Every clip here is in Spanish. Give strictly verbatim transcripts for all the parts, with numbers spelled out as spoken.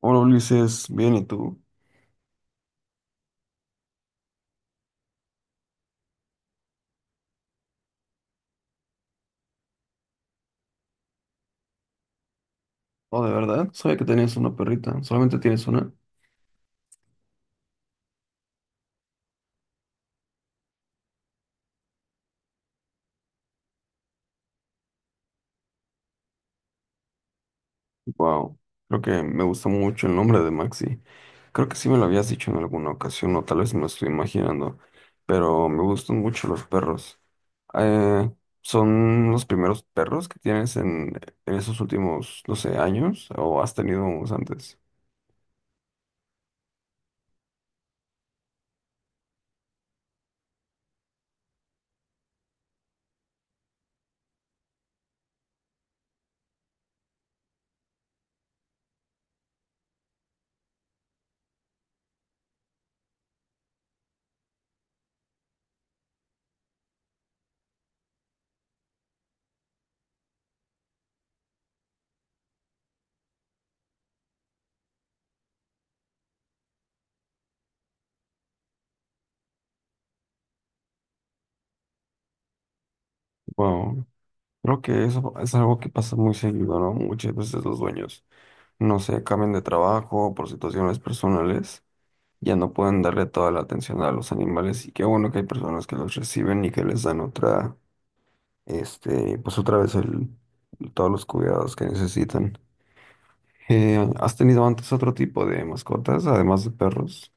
Hola Ulises, bien, ¿y tú? Oh, de verdad, sabía que tenías una perrita, solamente tienes una. Wow, creo que me gusta mucho el nombre de Maxi. Creo que sí me lo habías dicho en alguna ocasión, o tal vez me lo estoy imaginando, pero me gustan mucho los perros. Eh, ¿son los primeros perros que tienes en, en esos últimos, no sé, años, o has tenido unos antes? Wow, creo que eso es algo que pasa muy seguido, ¿no? Muchas veces los dueños, no sé, cambian de trabajo por situaciones personales, ya no pueden darle toda la atención a los animales, y qué bueno que hay personas que los reciben y que les dan otra, este, pues otra vez el, todos los cuidados que necesitan. Eh, ¿has tenido antes otro tipo de mascotas, además de perros?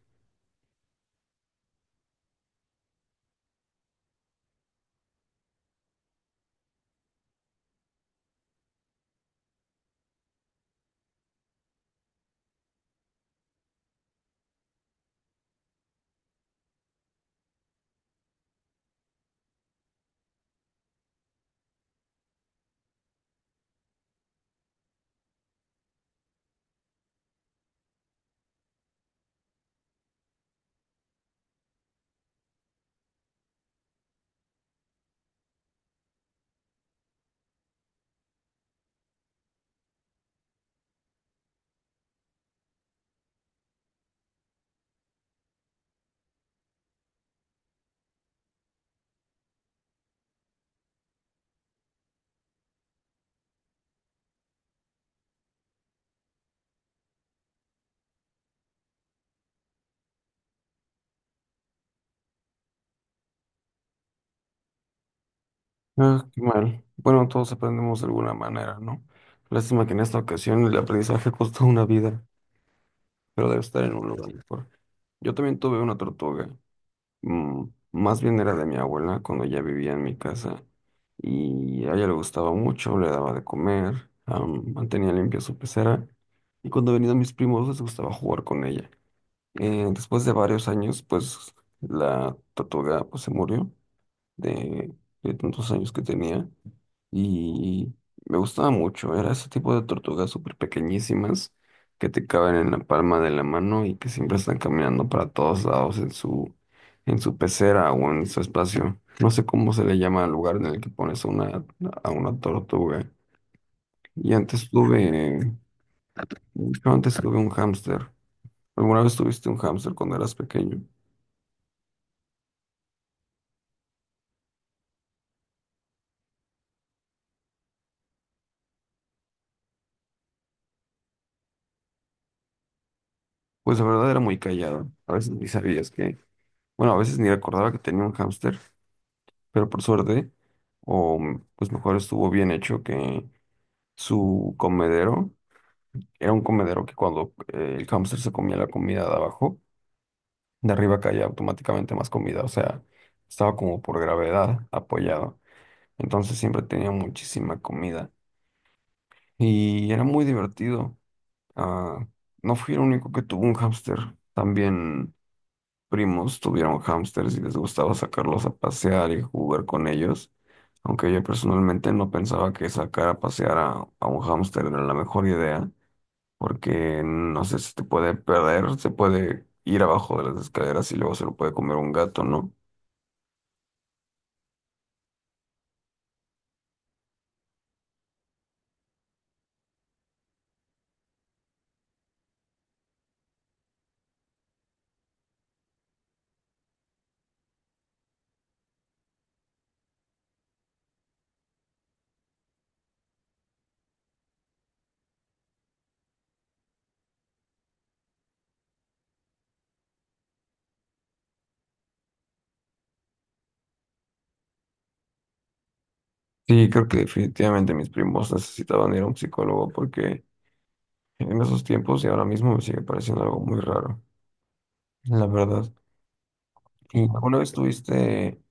Ah, qué mal. Bueno, todos aprendemos de alguna manera, ¿no? Lástima que en esta ocasión el aprendizaje costó una vida, pero debe estar en un lugar mejor. Yo también tuve una tortuga, mm, más bien era de mi abuela cuando ya vivía en mi casa y a ella le gustaba mucho, le daba de comer, am, mantenía limpia su pecera, y cuando venían mis primos les gustaba jugar con ella. Eh, después de varios años, pues la tortuga, pues, se murió de, de, tantos años que tenía, y me gustaba mucho. Era ese tipo de tortugas súper pequeñísimas que te caben en la palma de la mano y que siempre están caminando para todos lados en su, en su, pecera, o en su espacio. No sé cómo se le llama al lugar en el que pones a una, a una tortuga. Y antes tuve, yo antes tuve un hámster. ¿Alguna vez tuviste un hámster cuando eras pequeño? Pues la verdad era muy callado. A veces ni sabías que, bueno, a veces ni recordaba que tenía un hámster. Pero por suerte, o mm, pues, mejor estuvo bien hecho que su comedero era un comedero que, cuando eh, el hámster se comía la comida de abajo, de arriba caía automáticamente más comida. O sea, estaba como por gravedad apoyado, entonces siempre tenía muchísima comida y era muy divertido. Ah, no fui el único que tuvo un hámster, también. Primos tuvieron hámsters y les gustaba sacarlos a pasear y jugar con ellos, aunque yo personalmente no pensaba que sacar a pasear a, a un hámster era la mejor idea, porque no sé, si te puede perder, se puede ir abajo de las escaleras y luego se lo puede comer un gato, ¿no? Sí, creo que definitivamente mis primos necesitaban ir a un psicólogo, porque en esos tiempos y ahora mismo me sigue pareciendo algo muy raro, la verdad. ¿Y alguna vez tuviste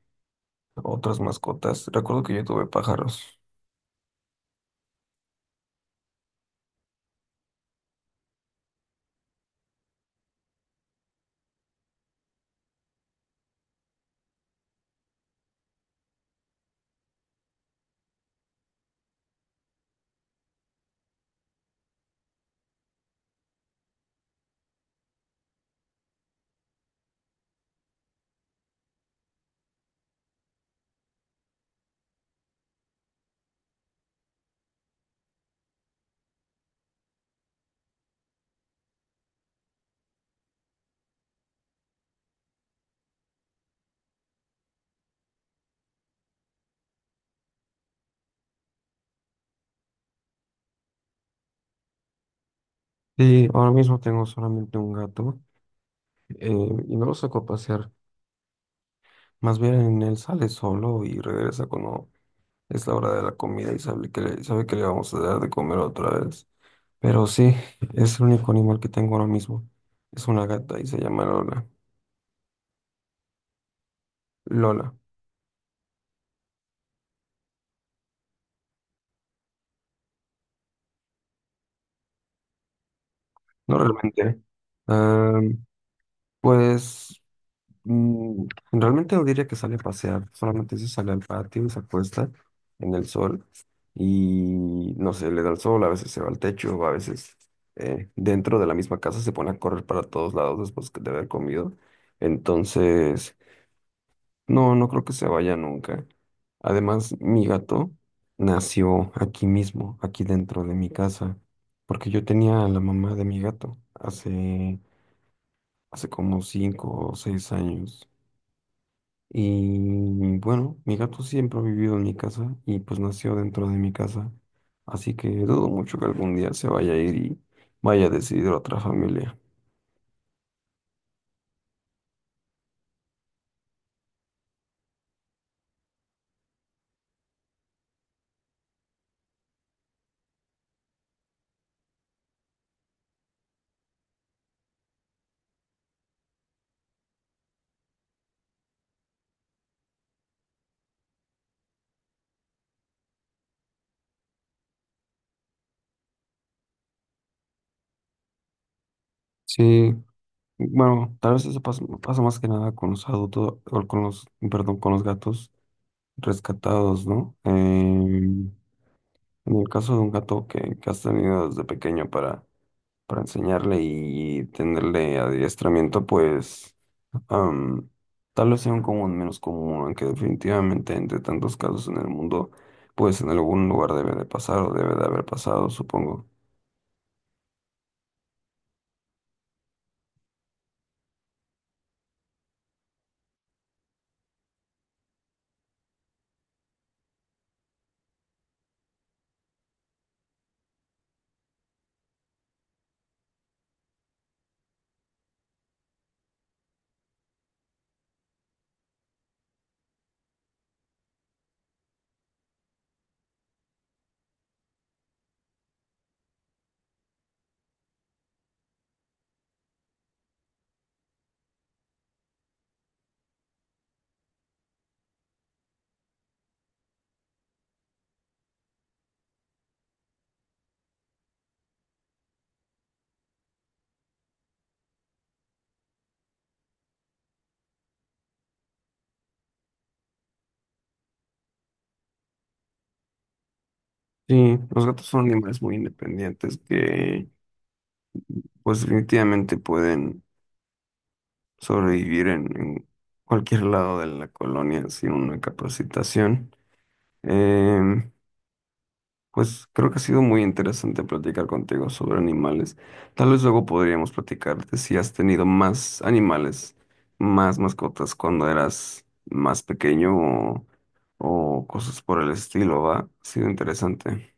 otras mascotas? Recuerdo que yo tuve pájaros. Sí, ahora mismo tengo solamente un gato, eh, y no lo saco a pasear. Más bien él sale solo y regresa cuando es la hora de la comida, y sabe que le, sabe que le vamos a dar de comer otra vez. Pero sí, es el único animal que tengo ahora mismo. Es una gata y se llama Lola. Lola, no realmente. Am, pues Mm, realmente no diría que sale a pasear, solamente se sale al patio y se acuesta en el sol, y no sé, le da el sol, a veces se va al techo, o a veces eh, dentro de la misma casa se pone a correr para todos lados después de haber comido. Entonces, no, no creo que se vaya nunca. Además, mi gato nació aquí mismo, aquí dentro de mi casa, porque yo tenía a la mamá de mi gato hace, hace, como cinco o seis años. Y bueno, mi gato siempre ha vivido en mi casa y pues nació dentro de mi casa. Así que dudo mucho que algún día se vaya a ir y vaya a decidir otra familia. Sí, bueno, tal vez eso pasa, pasa más que nada con los adultos, o con los, perdón, con los gatos rescatados, ¿no? Em, en el caso de un gato que, que has tenido desde pequeño para, para, enseñarle y tenerle adiestramiento, pues... Am, tal vez sea un común menos común, aunque definitivamente entre tantos casos en el mundo, pues en algún lugar debe de pasar o debe de haber pasado, supongo. Sí, los gatos son animales muy independientes que pues definitivamente pueden sobrevivir en, en, cualquier lado de la colonia sin una capacitación. Em, Pues creo que ha sido muy interesante platicar contigo sobre animales. Tal vez luego podríamos platicarte si has tenido más animales, más mascotas cuando eras más pequeño, o, o, cosas por el estilo, ¿va? Ha sido interesante.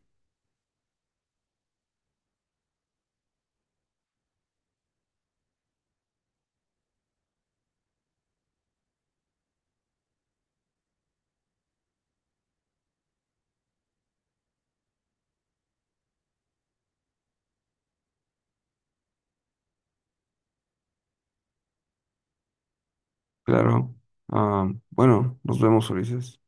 Claro. Ah, bueno, nos vemos, Ulises.